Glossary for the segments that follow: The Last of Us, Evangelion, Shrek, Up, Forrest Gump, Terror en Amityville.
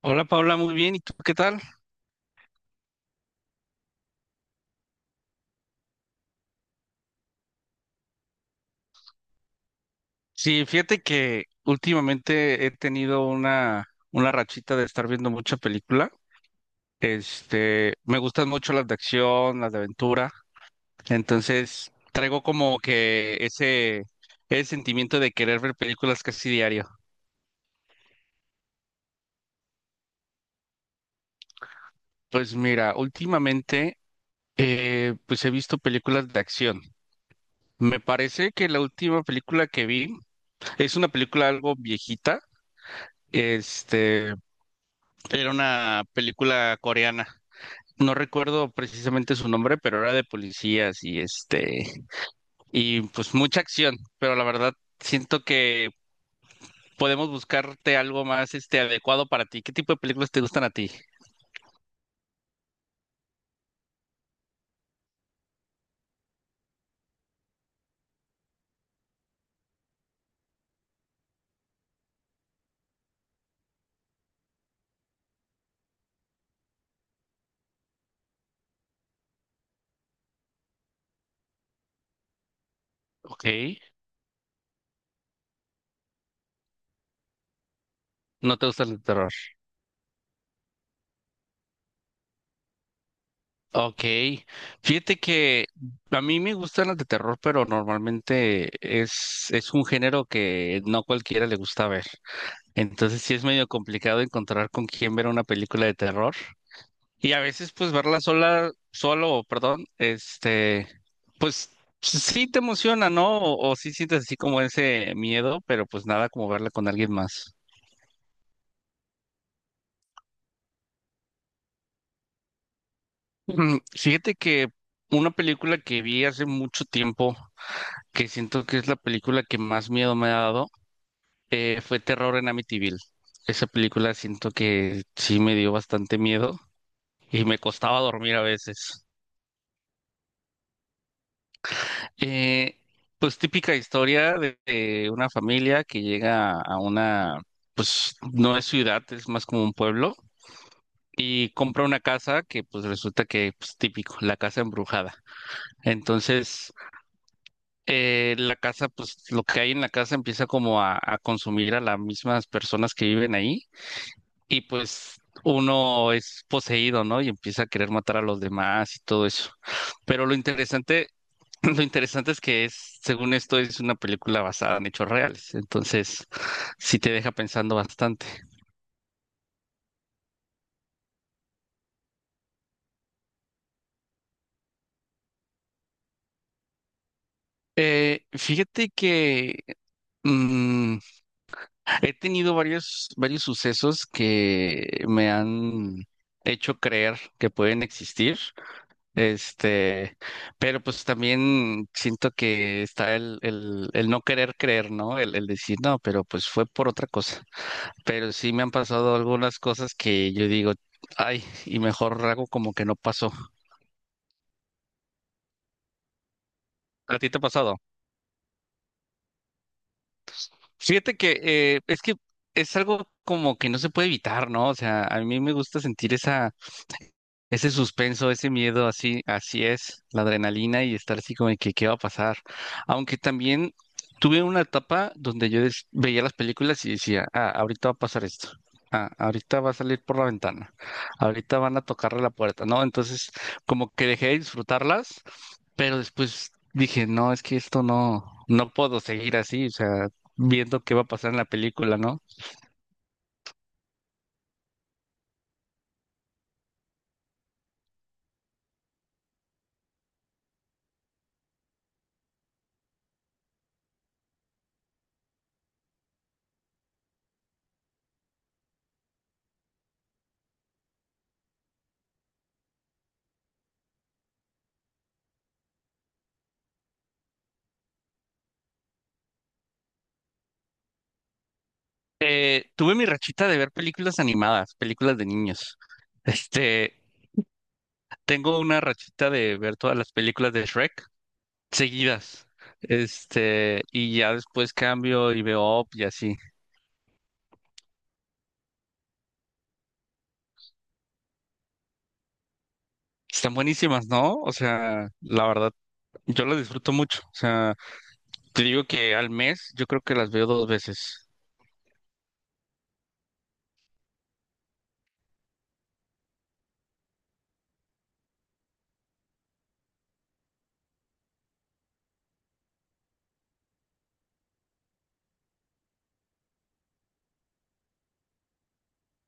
Hola Paula, muy bien. ¿Y tú qué tal? Sí, fíjate que últimamente he tenido una rachita de estar viendo mucha película. Me gustan mucho las de acción, las de aventura. Entonces, traigo como que ese sentimiento de querer ver películas casi diario. Pues mira, últimamente pues he visto películas de acción. Me parece que la última película que vi es una película algo viejita. Este, Era una película coreana. No recuerdo precisamente su nombre, pero era de policías y y pues mucha acción, pero la verdad siento que podemos buscarte algo más adecuado para ti. ¿Qué tipo de películas te gustan a ti? Ok, no te gustan el terror. Ok, fíjate que a mí me gustan las de terror, pero normalmente es un género que no cualquiera le gusta ver. Entonces sí es medio complicado encontrar con quién ver una película de terror. Y a veces, pues, verla sola, solo, perdón, pues sí te emociona, ¿no? O sí sientes así como ese miedo, pero pues nada como verla con alguien más. Fíjate que una película que vi hace mucho tiempo, que siento que es la película que más miedo me ha dado, fue Terror en Amityville. Esa película siento que sí me dio bastante miedo y me costaba dormir a veces. Eh, pues típica historia de una familia que llega a una, pues no es ciudad, es más como un pueblo, y compra una casa que pues resulta que, pues típico, la casa embrujada. Entonces, la casa, pues lo que hay en la casa empieza como a consumir a las mismas personas que viven ahí, y pues uno es poseído, ¿no? Y empieza a querer matar a los demás y todo eso. Pero lo interesante Lo interesante es que es, según esto, es una película basada en hechos reales, entonces sí te deja pensando bastante. Fíjate que mm, he tenido varios sucesos que me han hecho creer que pueden existir, este, pero pues también siento que está el no querer creer, ¿no? El decir, no, pero pues fue por otra cosa. Pero sí me han pasado algunas cosas que yo digo, ay, y mejor hago como que no pasó. ¿A ti te ha pasado? Fíjate que es que es algo como que no se puede evitar, ¿no? O sea, a mí me gusta sentir esa... Ese suspenso, ese miedo, así, así es, la adrenalina y estar así como de que qué va a pasar. Aunque también tuve una etapa donde yo veía las películas y decía, ah, ahorita va a pasar esto. Ah, ahorita va a salir por la ventana. Ahorita van a tocarle la puerta, ¿no? Entonces, como que dejé de disfrutarlas, pero después dije, no, es que esto no, no puedo seguir así, o sea, viendo qué va a pasar en la película, ¿no? Tuve mi rachita de ver películas animadas, películas de niños. Este, Tengo una rachita de ver todas las películas de Shrek seguidas. Y ya después cambio y veo Up y así. Están buenísimas, ¿no? O sea, la verdad, yo las disfruto mucho. O sea, te digo que al mes yo creo que las veo 2 veces.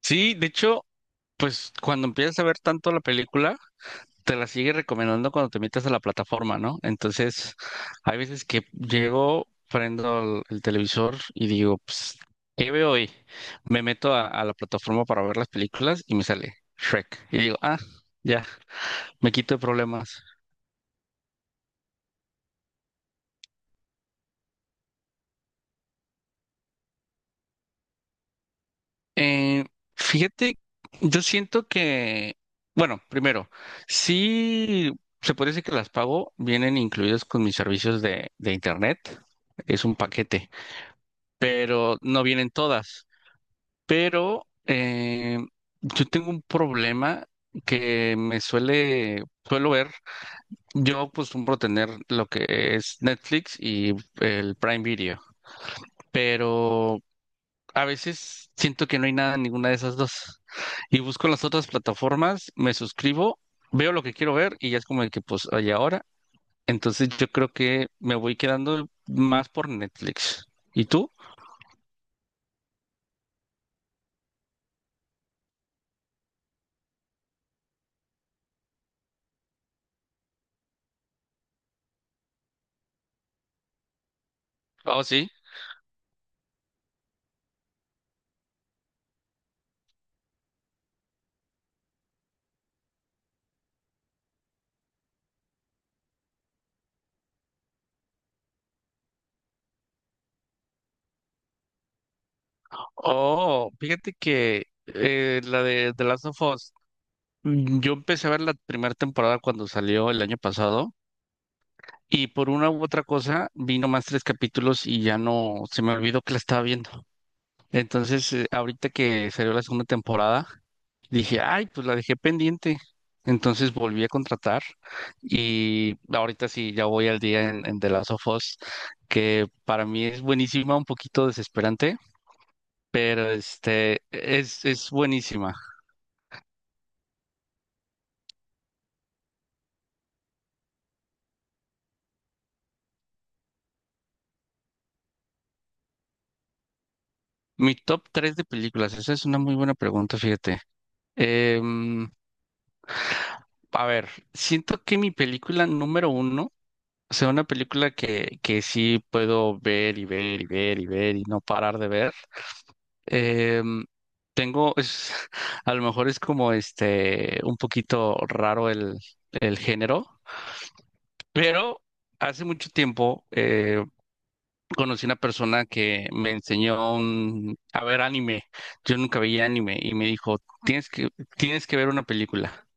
Sí, de hecho, pues cuando empiezas a ver tanto la película, te la sigue recomendando cuando te metes a la plataforma, ¿no? Entonces, hay veces que llego, prendo el televisor y digo, pues, ¿qué veo hoy? Me meto a la plataforma para ver las películas y me sale Shrek. Y digo, ah, ya, me quito de problemas. Eh, Fíjate, yo siento que, bueno, primero, sí, se puede decir que las pago, vienen incluidas con mis servicios de internet. Es un paquete, pero no vienen todas. Pero yo tengo un problema que me suele, suelo ver. Yo acostumbro tener lo que es Netflix y el Prime Video, pero a veces siento que no hay nada en ninguna de esas dos. Y busco las otras plataformas, me suscribo, veo lo que quiero ver y ya es como de que pues hay ahora. Entonces yo creo que me voy quedando más por Netflix. ¿Y tú? Oh, sí. Oh, fíjate que la de The Last of Us, yo empecé a ver la primera temporada cuando salió el año pasado y por una u otra cosa vi nomás 3 capítulos y ya no, se me olvidó que la estaba viendo. Entonces, ahorita que salió la segunda temporada, dije, ay, pues la dejé pendiente. Entonces volví a contratar y ahorita sí, ya voy al día en The Last of Us, que para mí es buenísima, un poquito desesperante pero este es buenísima. Mi top 3 de películas, esa es una muy buena pregunta, fíjate. Em, a ver, siento que mi película número uno, o sea, una película que sí puedo ver y ver y ver y ver y no parar de ver. Em, Tengo, es, a lo mejor es como este, un poquito raro el género, pero hace mucho tiempo, conocí una persona que me enseñó a ver anime. Yo nunca veía anime y me dijo, tienes que ver una película.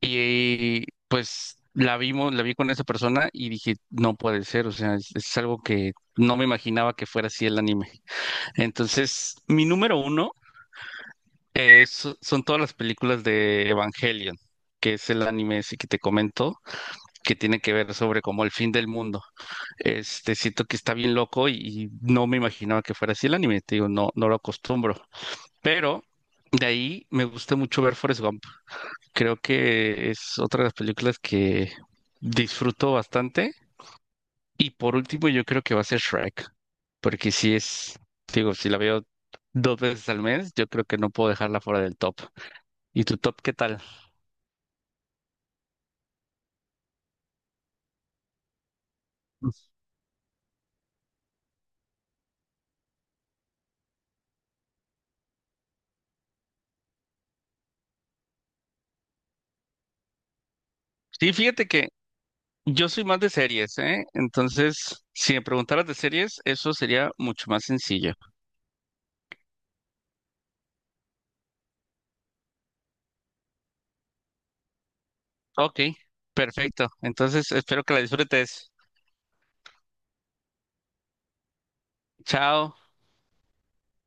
Y pues la vimos, la vi con esa persona y dije, no puede ser, o sea, es algo que no me imaginaba que fuera así el anime. Entonces, mi número uno es, son todas las películas de Evangelion, que es el anime ese que te comento, que tiene que ver sobre como el fin del mundo. Este, siento que está bien loco y no me imaginaba que fuera así el anime, te digo, no, no lo acostumbro. Pero de ahí me gusta mucho ver Forrest Gump. Creo que es otra de las películas que disfruto bastante. Y por último, yo creo que va a ser Shrek, porque si es, te digo, si la veo 2 veces al mes, yo creo que no puedo dejarla fuera del top. ¿Y tu top qué tal? Sí, fíjate que yo soy más de series, ¿eh? Entonces, si me preguntaras de series, eso sería mucho más sencillo. Ok, perfecto. Entonces espero que la disfrutes. Chao.